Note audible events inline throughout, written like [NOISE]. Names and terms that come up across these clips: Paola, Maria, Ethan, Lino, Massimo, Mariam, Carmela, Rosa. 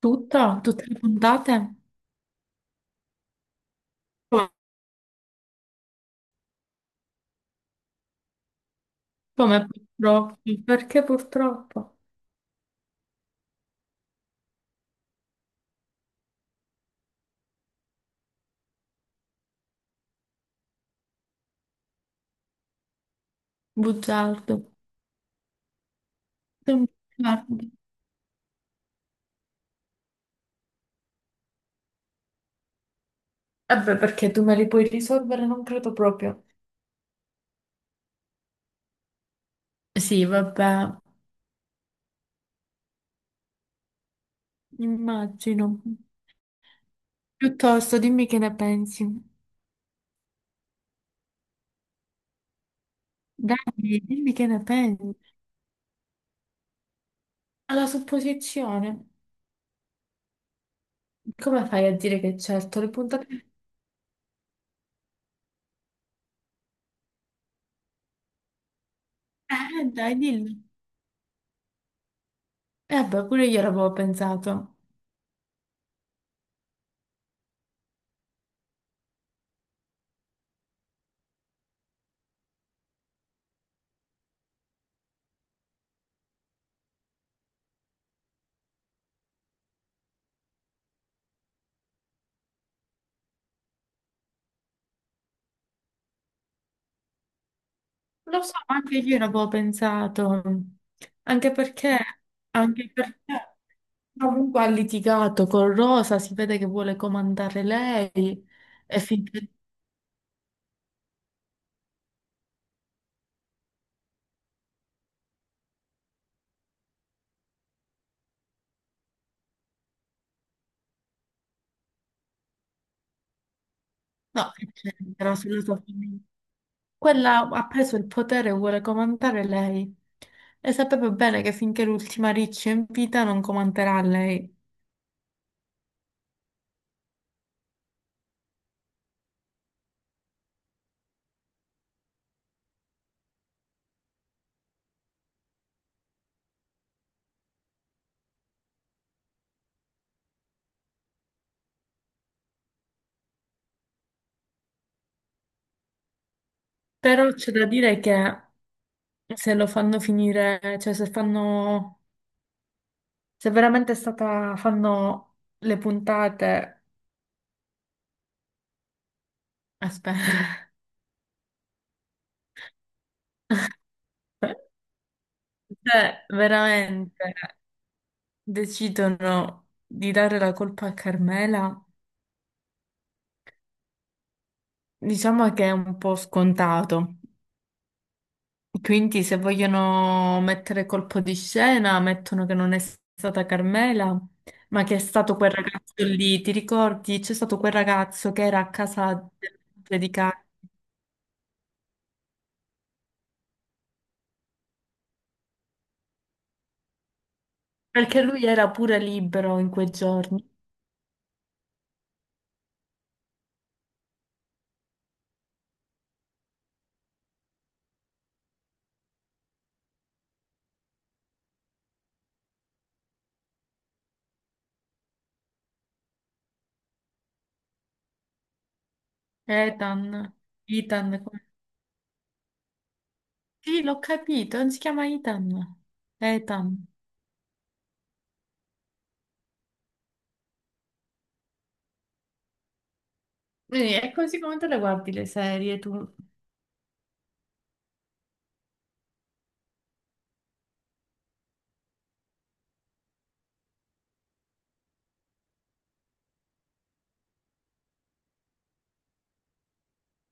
Tutte le puntate? Come come purtroppo? Perché purtroppo? Bugiardo. Sei un bugiardo. Eh beh, perché tu me li puoi risolvere? Non credo proprio. Sì, vabbè, immagino. Piuttosto, dimmi che ne pensi. Dai, dimmi che ne pensi. Alla supposizione, come fai a dire che certo le puntate... dai, dillo. Eh beh, pure io l'avevo pensato. Lo so, ma anche io ne avevo pensato, anche perché, anche perché comunque ha litigato con Rosa, si vede che vuole comandare lei e finché no, che c'entra sulla sua famiglia. Quella ha preso il potere e vuole comandare lei e sapeva bene che finché l'ultima riccia è in vita non comanderà lei. Però c'è da dire che se lo fanno finire, cioè se fanno, se veramente è stata, fanno le puntate. Aspetta, [LAUGHS] cioè, veramente decidono di dare la colpa a Carmela, diciamo che è un po' scontato. Quindi se vogliono mettere colpo di scena, mettono che non è stata Carmela, ma che è stato quel ragazzo lì, ti ricordi? C'è stato quel ragazzo che era a casa di Carmela, perché lui era pure libero in quei giorni. Ethan, Ethan, sì, l'ho capito, non si chiama Ethan. Ethan. Quindi è così come te le guardi le serie tu?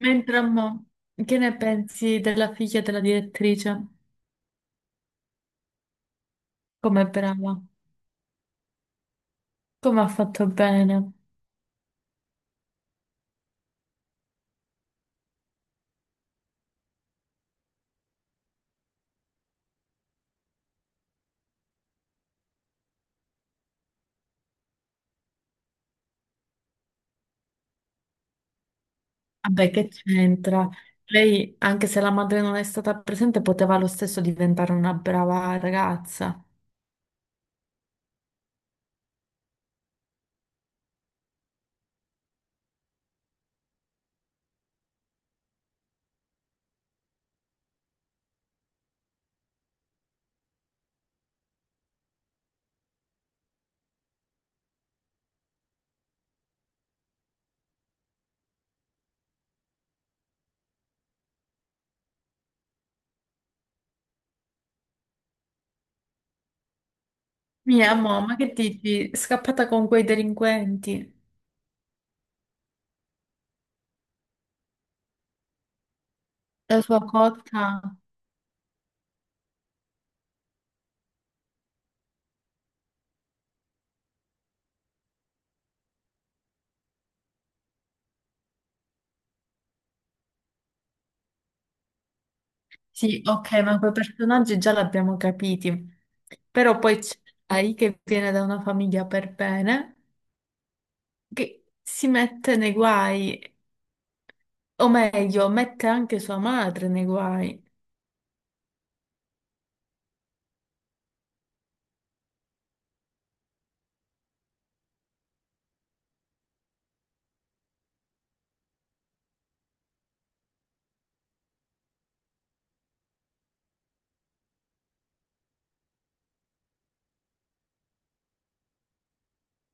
Mentre a mo, che ne pensi della figlia della direttrice? Com'è brava? Come ha fatto bene? Vabbè, che c'entra? Lei, anche se la madre non è stata presente, poteva lo stesso diventare una brava ragazza. Mia mamma, che dici? Scappata con quei delinquenti. La sua cotta? Sì, ok, ma quei personaggi già l'abbiamo capiti. Però poi c'è Ai che viene da una famiglia per bene, che si mette nei guai, o meglio, mette anche sua madre nei guai,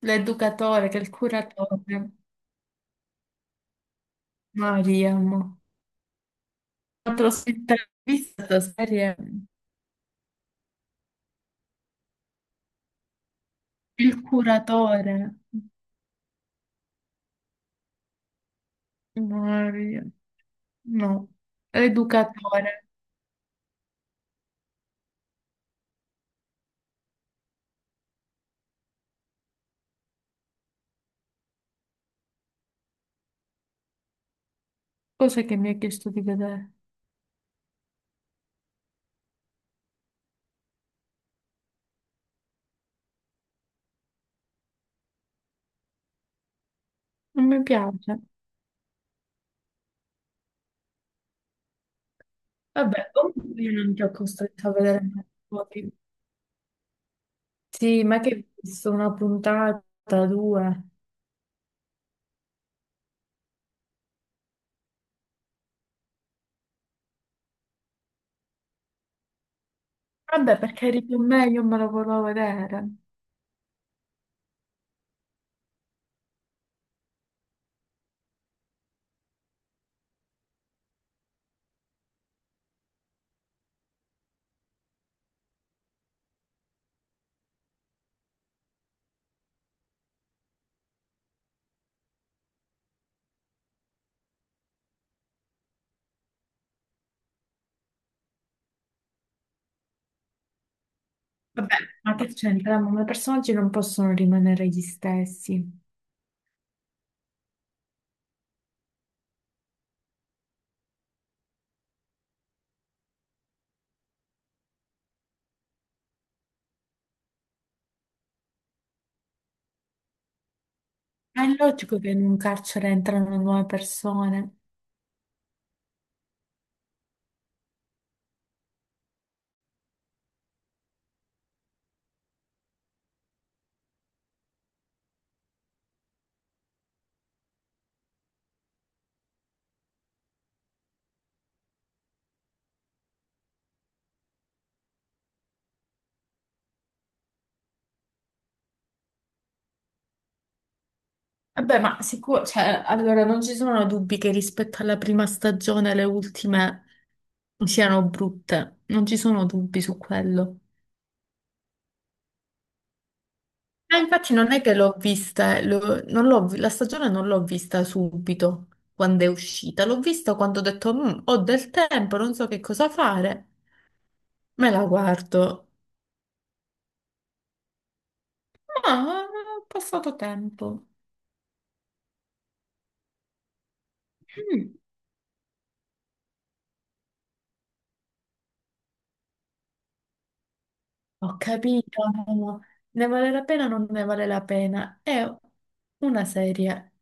l'educatore che è il curatore. Mariam. L'altro sera ho visto questa serie, il curatore. Mariam. No, l'educatore. Cosa che mi ha chiesto di vedere? Non mi piace. Vabbè, comunque io non ti ho costretto a vedere mai fuori. Sì, ma che hai visto una puntata, due. Vabbè, perché eri più me, io me lo volevo vedere. Vabbè, ma che c'entra? Ma i personaggi non possono rimanere gli stessi. Ma è logico che in un carcere entrano nuove persone. Vabbè, ma sicuro, cioè, allora non ci sono dubbi che rispetto alla prima stagione le ultime siano brutte. Non ci sono dubbi su quello. Ah, infatti non è che l'ho vista, non l'ho vi- la stagione non l'ho vista subito quando è uscita, l'ho vista quando ho detto "Mm, ho del tempo, non so che cosa fare, me la guardo. Ma ho passato tempo. Mm. Ho capito, ne vale la pena o non ne vale la pena? È una serie,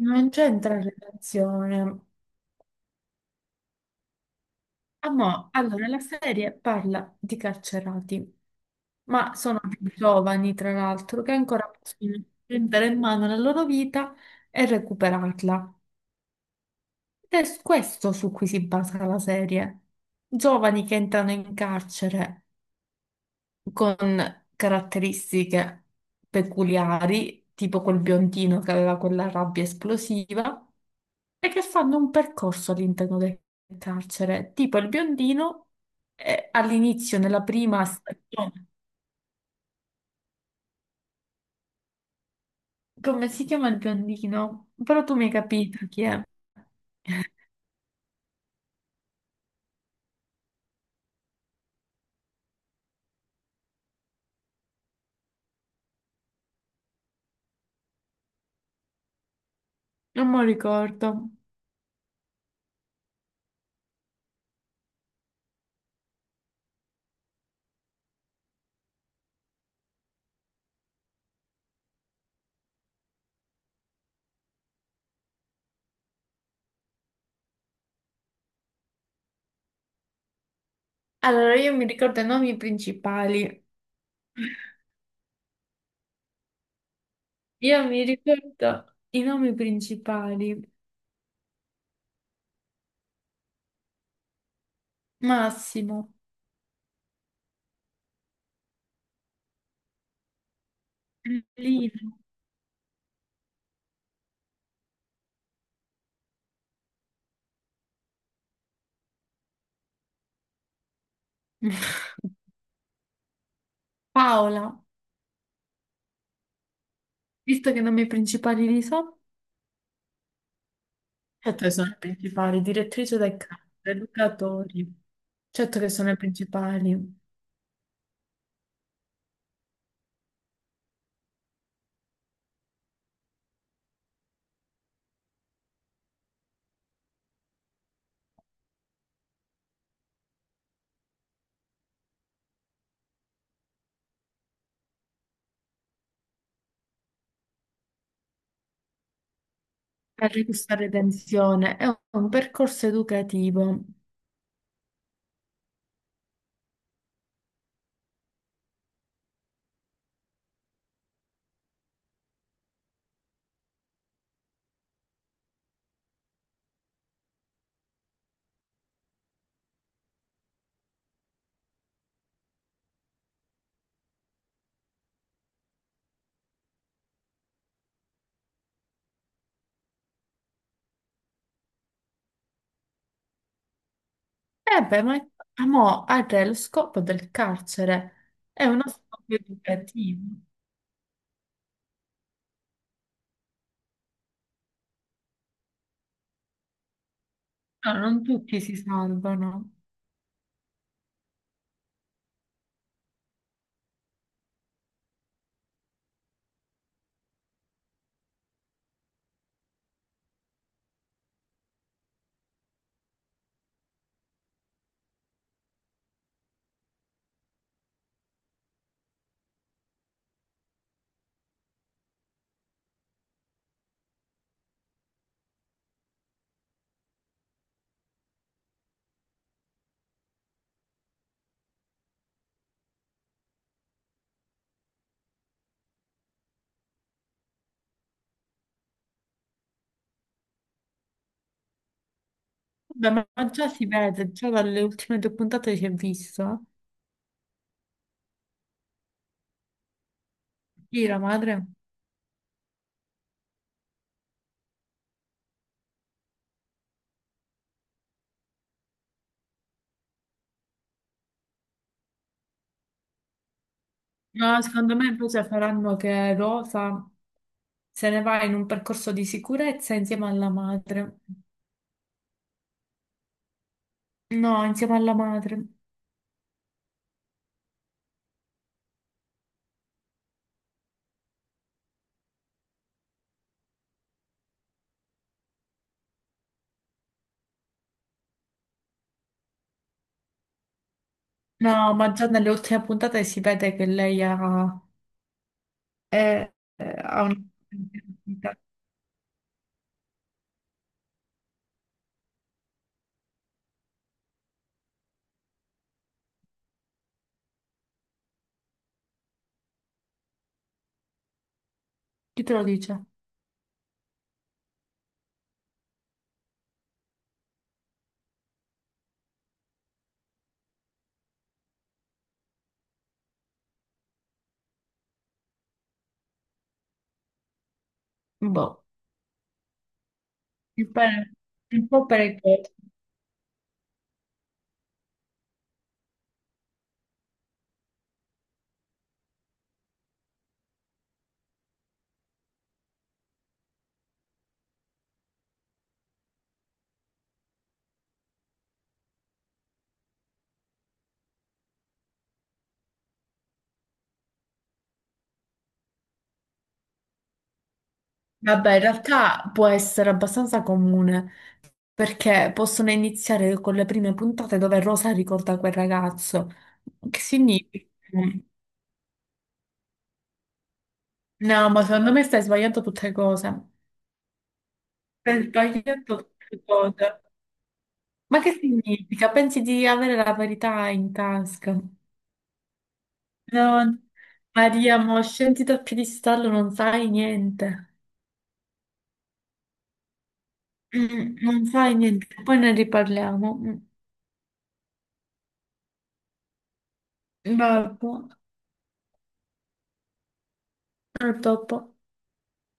non c'entra relazione. Ah, ma allora la serie parla di carcerati, ma sono più giovani, tra l'altro, che ancora possono prendere in mano la loro vita e recuperarla. Ed è questo su cui si basa la serie. Giovani che entrano in carcere con caratteristiche peculiari, tipo quel biondino che aveva quella rabbia esplosiva, e che fanno un percorso all'interno del carcere. Tipo il biondino all'inizio, nella prima stagione. Come si chiama il biondino? Però tu mi hai capito chi è. Non me lo ricordo. Allora, io mi ricordo i nomi principali. Io mi ricordo i nomi principali. Massimo. Lino. [LAUGHS] Paola. Visto che i nomi principali li so. Certo che sono le principali, direttrice del campo, educatori, certo che sono le principali, per ricucire tensione, è un percorso educativo. Eh beh, ma ah, mo, ah, re, lo scopo del carcere è uno scopo educativo. No, non tutti si salvano. Vabbè, ma già si vede, già dalle ultime due puntate si è visto. Chi la madre? No, secondo me invece faranno che Rosa se ne va in un percorso di sicurezza insieme alla madre. No, insieme alla madre. No, ma già nelle ultime puntate si vede che lei ha, è- ha una... Chi te lo dice? Boh, un po' un po' perché... Vabbè, in realtà può essere abbastanza comune perché possono iniziare con le prime puntate dove Rosa ricorda quel ragazzo. Che significa? No, ma secondo me stai sbagliando tutte cose. Stai sbagliando tutte cose. Ma che significa? Pensi di avere la verità in tasca? No, Maria, mo scendi dal piedistallo, non sai niente. Non sai niente, poi ne riparliamo. Vabbè, a dopo.